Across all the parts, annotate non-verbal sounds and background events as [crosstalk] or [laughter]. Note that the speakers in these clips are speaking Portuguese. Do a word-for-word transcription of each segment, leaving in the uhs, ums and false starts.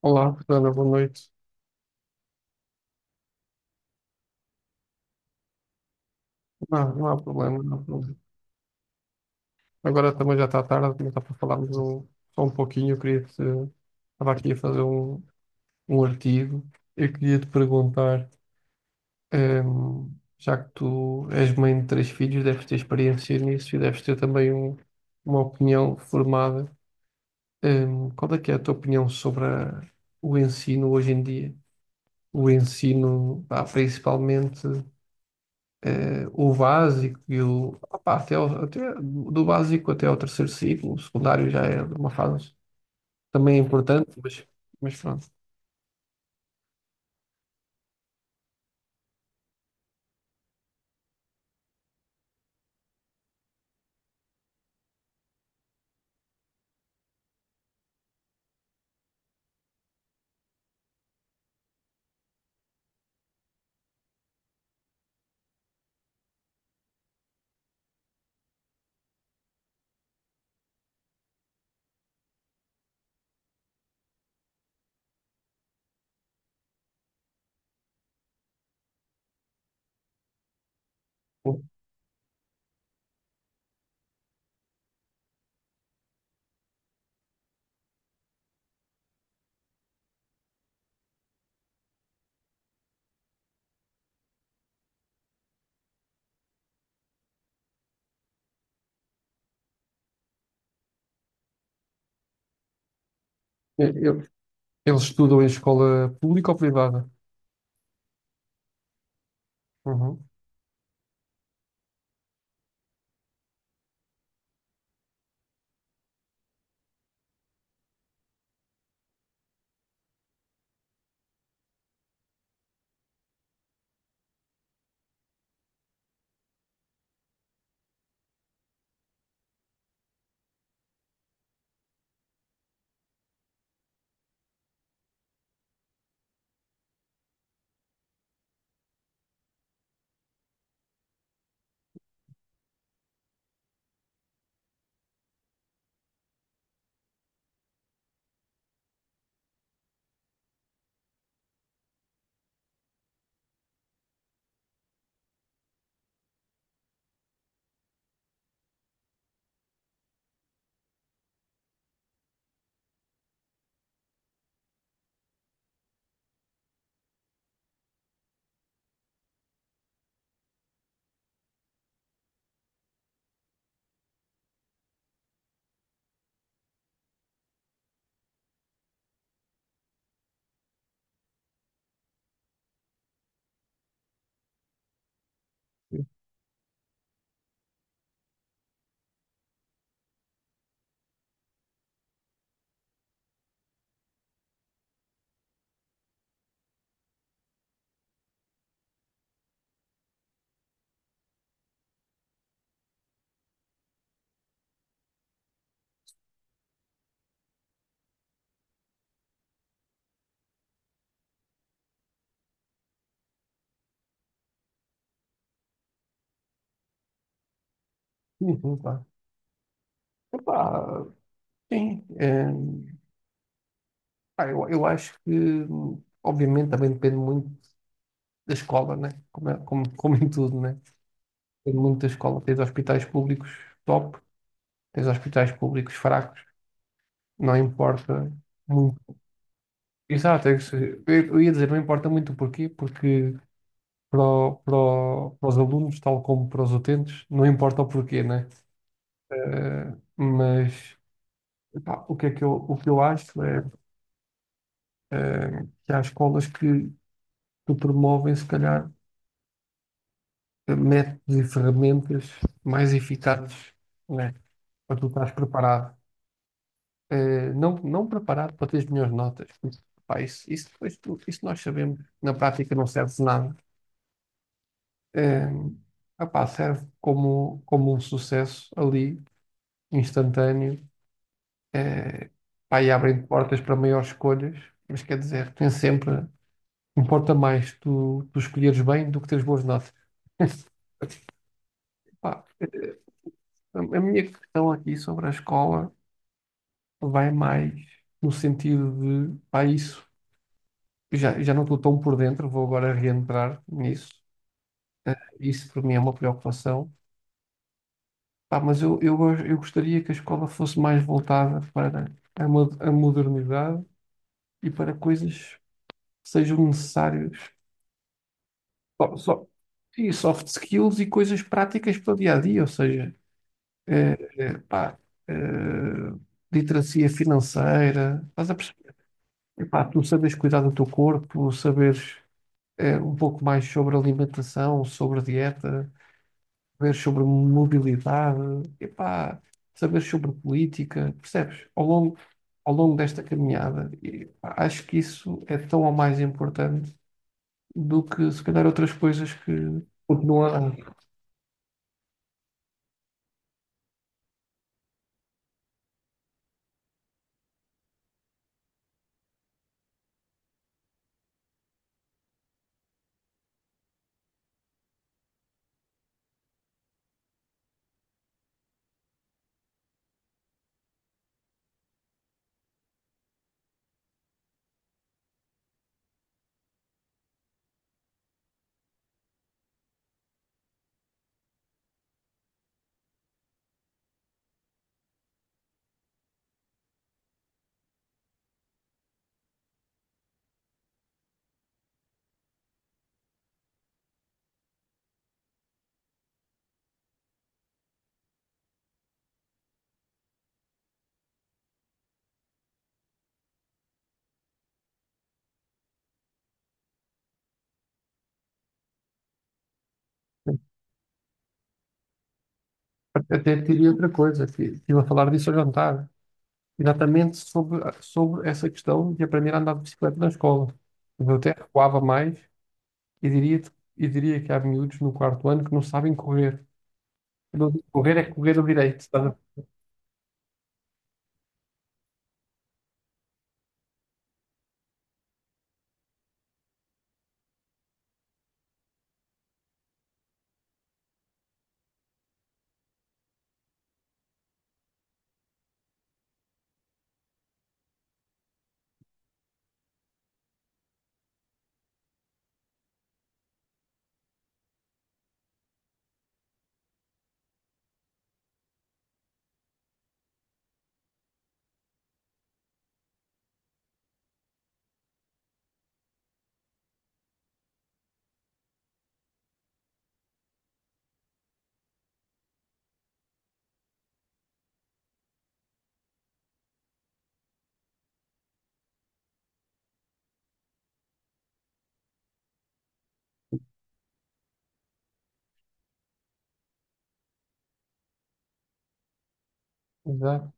Olá, Fernanda, boa noite. Não, não há problema, não há problema. Agora também já está tarde, também está para falarmos um- só um pouquinho. Eu queria te, estava aqui a fazer um, um artigo. Eu queria te perguntar, ehm, já que tu és mãe de três filhos, deves ter experiência nisso e deves ter também um- uma opinião formada. Ehm, qual é que é a tua opinião sobre a- o ensino hoje em dia? O ensino, pá, principalmente. Eh, o básico e o. opá, até, o- até do básico até ao terceiro ciclo, o secundário já é uma fase também importante, mas, mas pronto. Eu- eu- Eles estudam em escola pública ou privada? Uhum. Sim, sim, claro. Epá, sim. Eh, pá, eu, eu acho que, obviamente, também depende muito da escola, né? Como, é- como, como em tudo, né? Depende muito da escola. Tens hospitais públicos top, tens hospitais públicos fracos, não importa muito. Exato, é que se- eu eu ia dizer, não importa muito o porquê, porque para, o- para, o- para os alunos, tal como para os utentes, não importa o porquê, né? Eh, mas pá, o que é que eu, o que eu acho é eh, que há escolas que, que promovem, se calhar, eh, métodos e ferramentas mais eficazes, né? Para tu estás preparado. Eh, não, não preparado para teres melhores notas. Pá, isso, isso, depois tu- isso nós sabemos, na prática não serve de nada. eh, Opá, serve como, como um sucesso ali, instantâneo, eh, pá, e abrem portas para maiores escolhas, mas quer dizer, tem sempre, importa mais tu, tu escolheres bem do que teres boas notas. [laughs] Pá, eh, a a minha questão aqui sobre a escola vai mais no sentido de, pá, isso, já, já não estou tão por dentro, vou agora reentrar nisso. Eh, isso para mim é uma preocupação. Pá, mas eu, eu, go- eu gostaria que a escola fosse mais voltada para a, mo- a modernidade e para coisas que sejam necessárias. Só, só- e soft skills e coisas práticas para o dia a dia, ou seja, eh, eh, pá, eh, literacia financeira, estás a perceber? Epá, tu sabes cuidar do teu corpo, saberes eh, um pouco mais sobre alimentação, sobre dieta. Saber sobre mobilidade, epá, saber sobre política, percebes? Ao longo, ao longo desta caminhada, e, pá, acho que isso é tão ou mais importante do que se calhar outras coisas que continuam a, até diria outra coisa, que estive a falar disso ao jantar, exatamente sobre, sobre essa questão de aprender a andar de bicicleta na escola. Eu até recuava mais e diria, e diria que há miúdos no quarto ano que não sabem correr. Não. Correr é correr ao direito, tá? Exato.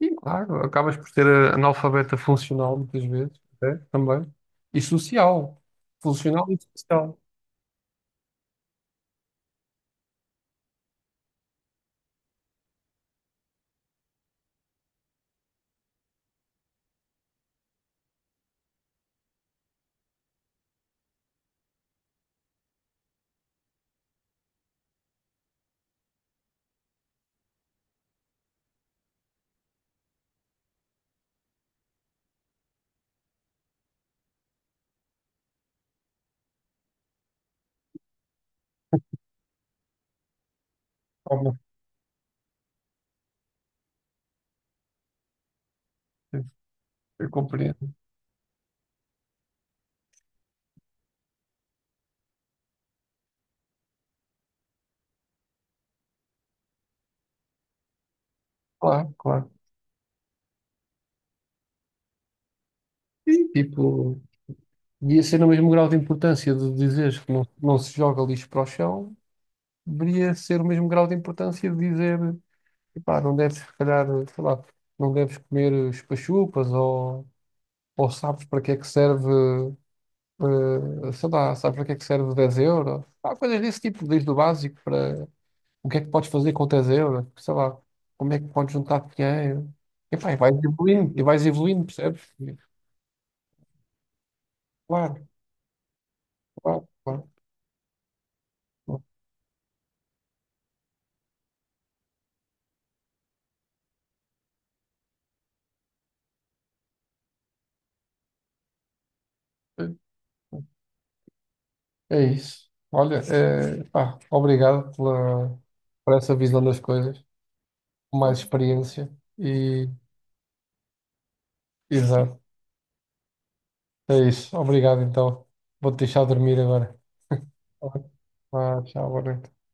E claro, acabas por ser eh, analfabeta funcional muitas vezes, até, também, e social. Funcional e social. Algumas vezes, eu compreendo. Claro, claro. E tipo, ia ser o mesmo grau de importância de dizeres que não, não se joga lixo para o chão, deveria ser o mesmo grau de importância de dizer, epá, não deves, se calhar, sei lá, não deves comer chupa-chupas ou, ou sabes para que é que serve eh, sei lá, sabes para que é que serve dez euros? Há coisas desse tipo, desde o básico para o que é que podes fazer com dez euros, sei lá, como é que podes juntar dinheiro. E, pá, e vais evoluindo, e vais evoluindo, percebes? E, claro, claro, claro. Claro. É isso. Olha, eh, pá, obrigado pela, por essa visão das coisas, mais experiência e exato. É isso. Obrigado, então. Vou-te deixar dormir agora. [laughs] Tá bem? Vá, tchau, boa noite.